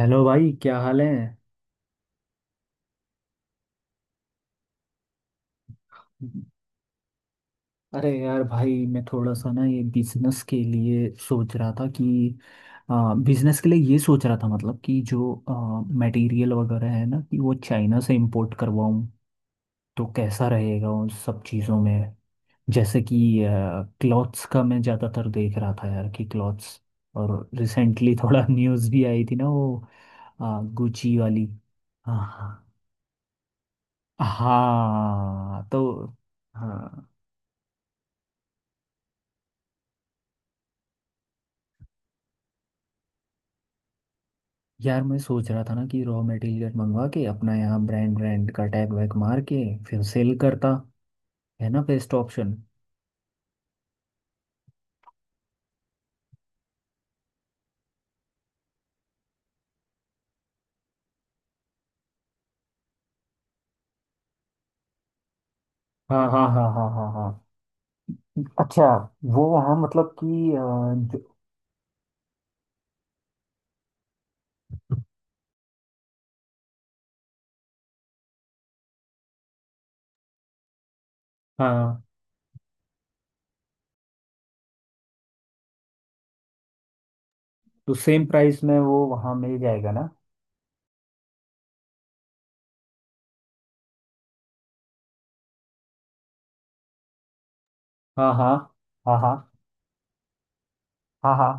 Hello भाई, क्या हाल है। अरे यार भाई, मैं थोड़ा सा ना ये बिजनेस के लिए सोच रहा था कि बिजनेस के लिए ये सोच रहा था। मतलब कि जो मटेरियल वगैरह है ना, कि वो चाइना से इंपोर्ट करवाऊँ, तो कैसा रहेगा उन सब चीज़ों में। जैसे कि क्लॉथ्स का मैं ज़्यादातर देख रहा था यार, कि क्लॉथ्स। और रिसेंटली थोड़ा न्यूज़ भी आई थी ना, वो गुची वाली। हाँ हाँ, तो हाँ। यार मैं सोच रहा था ना कि रॉ मटेरियल मंगवा के अपना यहाँ ब्रांड ब्रांड का टैग वैग मार के फिर सेल करता। है ना, बेस्ट ऑप्शन। हाँ हाँ हाँ हाँ हाँ हाँ, अच्छा। वो वहाँ मतलब कि जो। हाँ। तो सेम प्राइस में वो वहाँ मिल जाएगा ना। हाँ हाँ हाँ हाँ हाँ हाँ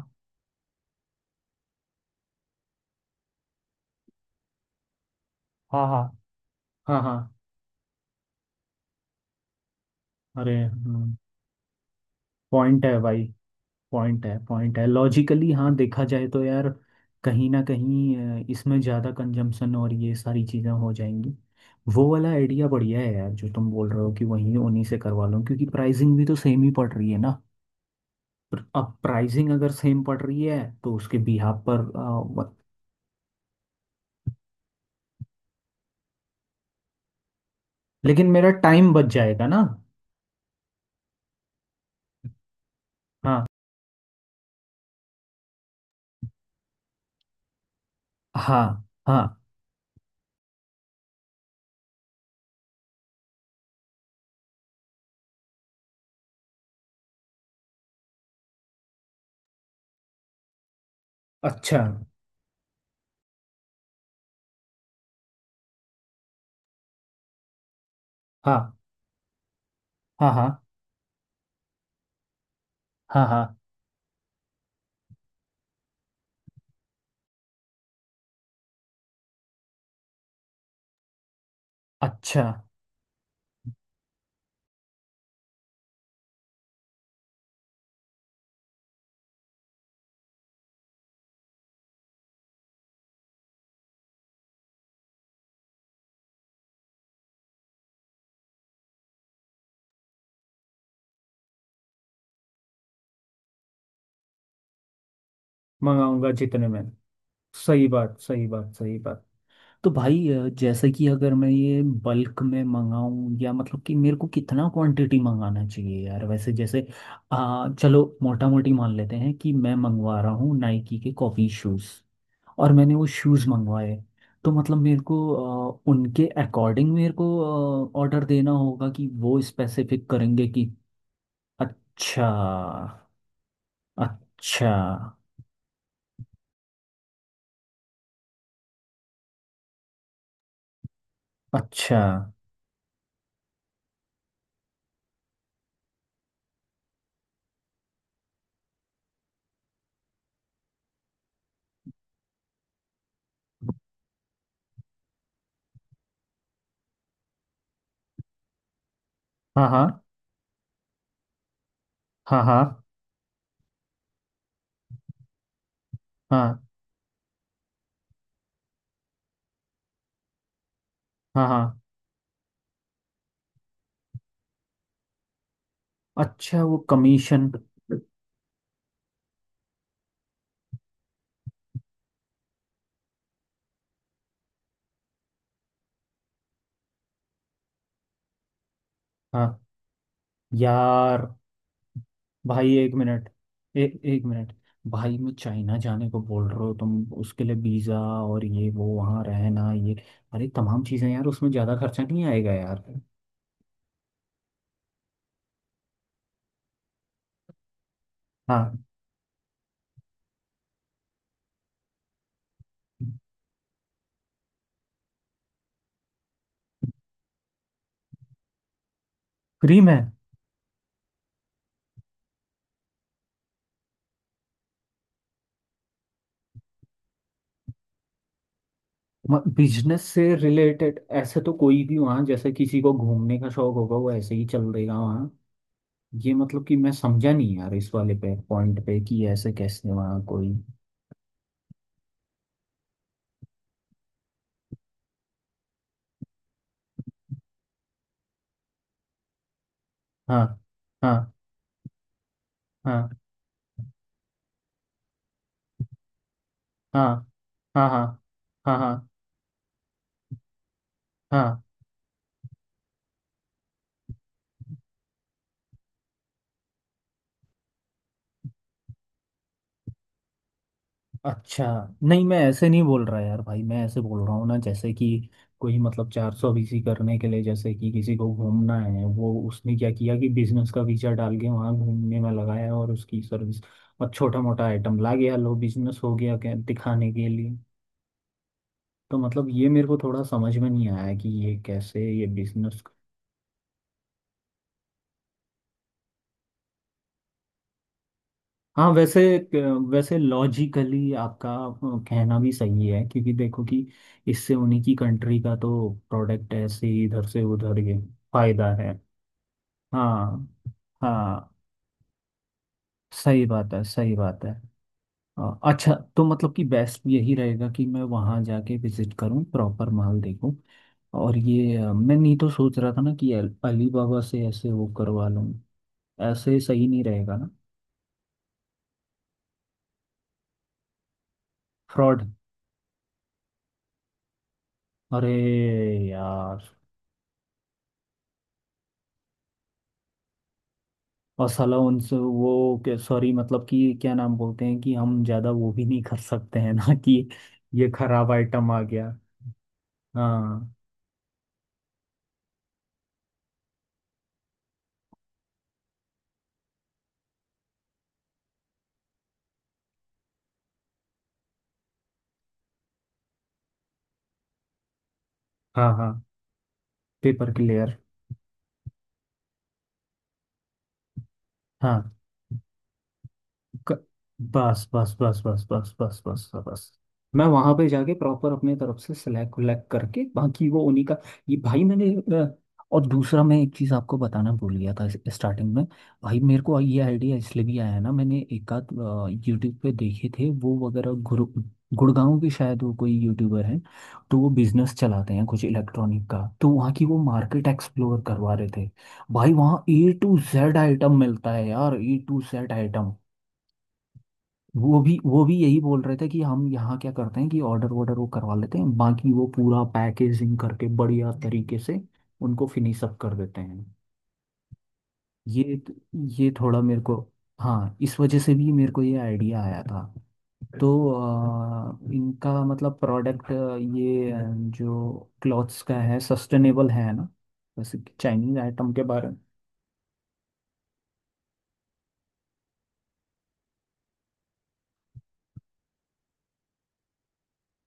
हाँ हाँ हाँ हाँ। अरे पॉइंट है भाई। पॉइंट है, पॉइंट है। लॉजिकली हाँ, देखा जाए तो यार, कहीं ना कहीं इसमें ज़्यादा कंजम्पशन और ये सारी चीज़ें हो जाएंगी। वो वाला आइडिया बढ़िया है यार, जो तुम बोल रहे हो कि वहीं उन्हीं से करवा लो, क्योंकि प्राइसिंग भी तो सेम ही पड़ रही है ना। पर अब प्राइसिंग अगर सेम पड़ रही है, तो उसके बिहाफ पर व- लेकिन मेरा टाइम बच जाएगा ना। हाँ हाँ हाँ, अच्छा। हाँ हाँ हाँ हाँ हाँ, अच्छा। मंगाऊंगा जितने में। सही बात, सही बात, सही बात। तो भाई जैसे कि अगर मैं ये बल्क में मंगाऊं, या मतलब कि मेरे को कितना क्वांटिटी मंगाना चाहिए यार, वैसे जैसे चलो मोटा मोटी मान लेते हैं कि मैं मंगवा रहा हूँ नाइकी के कॉफ़ी शूज़, और मैंने वो शूज़ मंगवाए, तो मतलब मेरे को उनके अकॉर्डिंग मेरे को ऑर्डर देना होगा, कि वो स्पेसिफिक करेंगे कि। अच्छा, अच्छा, अच्छा। हाँ हाँ हाँ हाँ हाँ हाँ हाँ, अच्छा। वो कमीशन। हाँ यार भाई, एक मिनट। एक मिनट। भाई मैं चाइना जाने को बोल रहे हो तुम, उसके लिए वीज़ा और ये वो वहाँ रहना, ये अरे तमाम चीज़ें यार, उसमें ज़्यादा खर्चा नहीं आएगा यार। हाँ, फ्री में। बिजनेस से रिलेटेड ऐसे तो कोई भी वहाँ, जैसे किसी को घूमने का शौक होगा वो ऐसे ही चल देगा वहाँ। ये मतलब कि मैं समझा नहीं यार, इस वाले पे पॉइंट पे कि ऐसे कैसे वहाँ कोई। हाँ हाँ हाँ हाँ हाँ हाँ हाँ हाँ हाँ। हाँ, अच्छा। नहीं मैं ऐसे नहीं बोल रहा यार भाई, मैं ऐसे बोल रहा हूँ ना जैसे कि कोई मतलब चार सौ बीसी करने के लिए, जैसे कि किसी को घूमना है, वो उसने क्या किया कि बिजनेस का वीजा डाल के वहाँ घूमने में लगाया, और उसकी सर्विस और छोटा मोटा आइटम ला गया, लो बिजनेस हो गया, क्या दिखाने के लिए। तो मतलब ये मेरे को थोड़ा समझ में नहीं आया कि ये कैसे ये बिजनेस। हाँ वैसे। वैसे लॉजिकली आपका कहना भी सही है, क्योंकि देखो कि इससे उन्हीं की कंट्री का तो प्रोडक्ट ऐसे ही इधर से उधर ये फायदा है। हाँ हाँ, सही बात है, सही बात है। अच्छा तो मतलब कि बेस्ट यही रहेगा कि मैं वहाँ जाके विजिट करूँ, प्रॉपर माल देखूँ। और ये मैं नहीं तो सोच रहा था ना कि अलीबाबा से ऐसे वो करवा लूँ, ऐसे सही नहीं रहेगा ना। फ्रॉड, अरे यार। और साला उनसे वो सॉरी, मतलब कि क्या नाम बोलते हैं कि हम ज्यादा वो भी नहीं कर सकते हैं ना कि ये खराब आइटम आ गया। हाँ हाँ हाँ, पेपर क्लियर। हाँ, क- बस बस बस बस बस बस बस बस, मैं वहां पे जाके प्रॉपर अपने तरफ से सिलेक्ट विलेक्ट करके बाकी वो उन्हीं का। ये भाई मैंने अ, और दूसरा मैं एक चीज आपको बताना भूल गया था स्टार्टिंग में। भाई मेरे को ये आइडिया इसलिए भी आया है ना, मैंने एक आध यूट्यूब पे देखे थे वो वगैरह, गुरु गुड़गांव के शायद, वो कोई यूट्यूबर है। तो वो बिजनेस चलाते हैं कुछ इलेक्ट्रॉनिक का, तो वहाँ की वो मार्केट एक्सप्लोर करवा रहे थे। भाई वहाँ ए टू जेड आइटम मिलता है यार, ए टू जेड आइटम। वो भी, वो भी यही बोल रहे थे कि हम यहाँ क्या करते हैं कि ऑर्डर वॉर्डर वो करवा लेते हैं, बाकी वो पूरा पैकेजिंग करके बढ़िया तरीके से उनको फिनिश अप कर देते हैं। ये ये थोड़ा मेरे को, हाँ इस वजह से भी मेरे को ये आइडिया आया था। तो इनका मतलब प्रोडक्ट, ये जो क्लॉथ्स का है सस्टेनेबल है ना, जैसे चाइनीज आइटम के बारे में।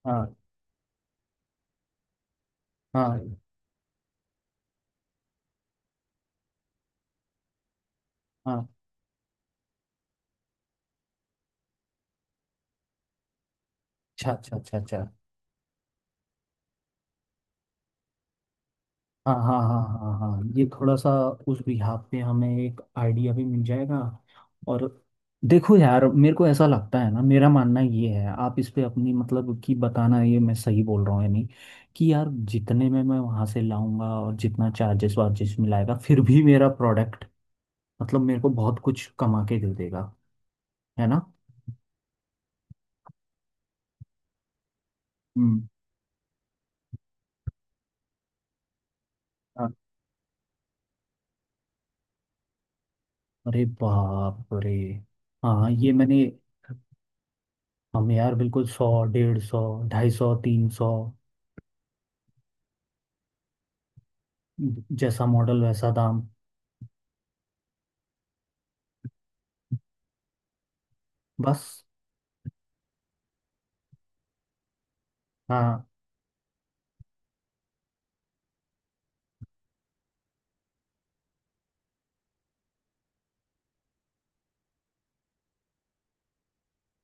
हाँ हाँ हाँ, अच्छा अच्छा अच्छा अच्छा। हाँ हाँ हाँ हाँ हाँ, ये थोड़ा सा उस बिहाफ पे हमें एक आइडिया भी मिल जाएगा। और देखो यार, मेरे को ऐसा लगता है ना, मेरा मानना ये है, आप इस पे अपनी मतलब कि बताना, ये मैं सही बोल रहा हूँ या नहीं, कि यार जितने में मैं वहाँ से लाऊंगा और जितना चार्जेस वार्जेस मिलाएगा, फिर भी मेरा प्रोडक्ट मतलब मेरे को बहुत कुछ कमा के दे देगा, है ना। हम्म। हाँ, अरे बाप रे। हाँ, ये मैंने, हम यार बिल्कुल 100, 150, 250, 300, जैसा मॉडल वैसा दाम। बस। हाँ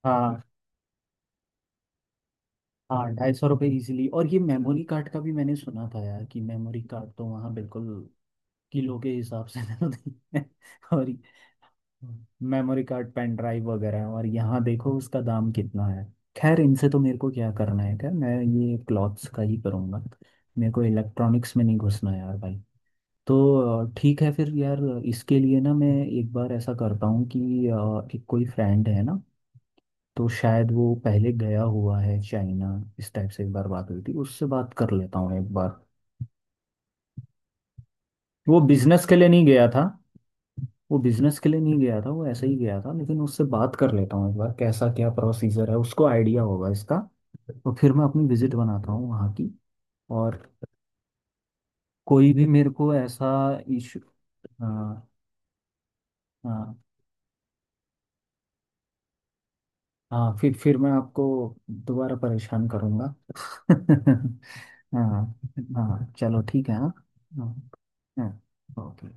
हाँ हाँ, ₹250 ईजिली। और ये मेमोरी कार्ड का भी मैंने सुना था यार, कि मेमोरी कार्ड तो वहाँ बिल्कुल किलो के हिसाब से मिलते हैं। और मेमोरी कार्ड, पेन ड्राइव वगैरह, और यहाँ देखो उसका दाम कितना है। खैर, इनसे तो मेरे को क्या करना है, क्या मैं ये क्लॉथ्स का ही करूँगा, मेरे को इलेक्ट्रॉनिक्स में नहीं घुसना यार भाई। तो ठीक है फिर यार, इसके लिए ना मैं एक बार ऐसा करता हूँ कि एक कोई फ्रेंड है ना, तो शायद वो पहले गया हुआ है चाइना, इस टाइप से एक बार बात हुई थी, उससे बात कर लेता हूँ एक बार। वो बिजनेस के लिए नहीं गया था, वो बिजनेस के लिए नहीं गया था, वो ऐसे ही गया था, लेकिन उससे बात कर लेता हूँ एक बार कैसा क्या प्रोसीजर है, उसको आइडिया होगा इसका। तो फिर मैं अपनी विजिट बनाता हूँ वहाँ की, और कोई भी मेरे को ऐसा इशू। हाँ हाँ हाँ, फिर मैं आपको दोबारा परेशान करूँगा। हाँ हाँ, चलो ठीक है, हाँ हाँ, ओके।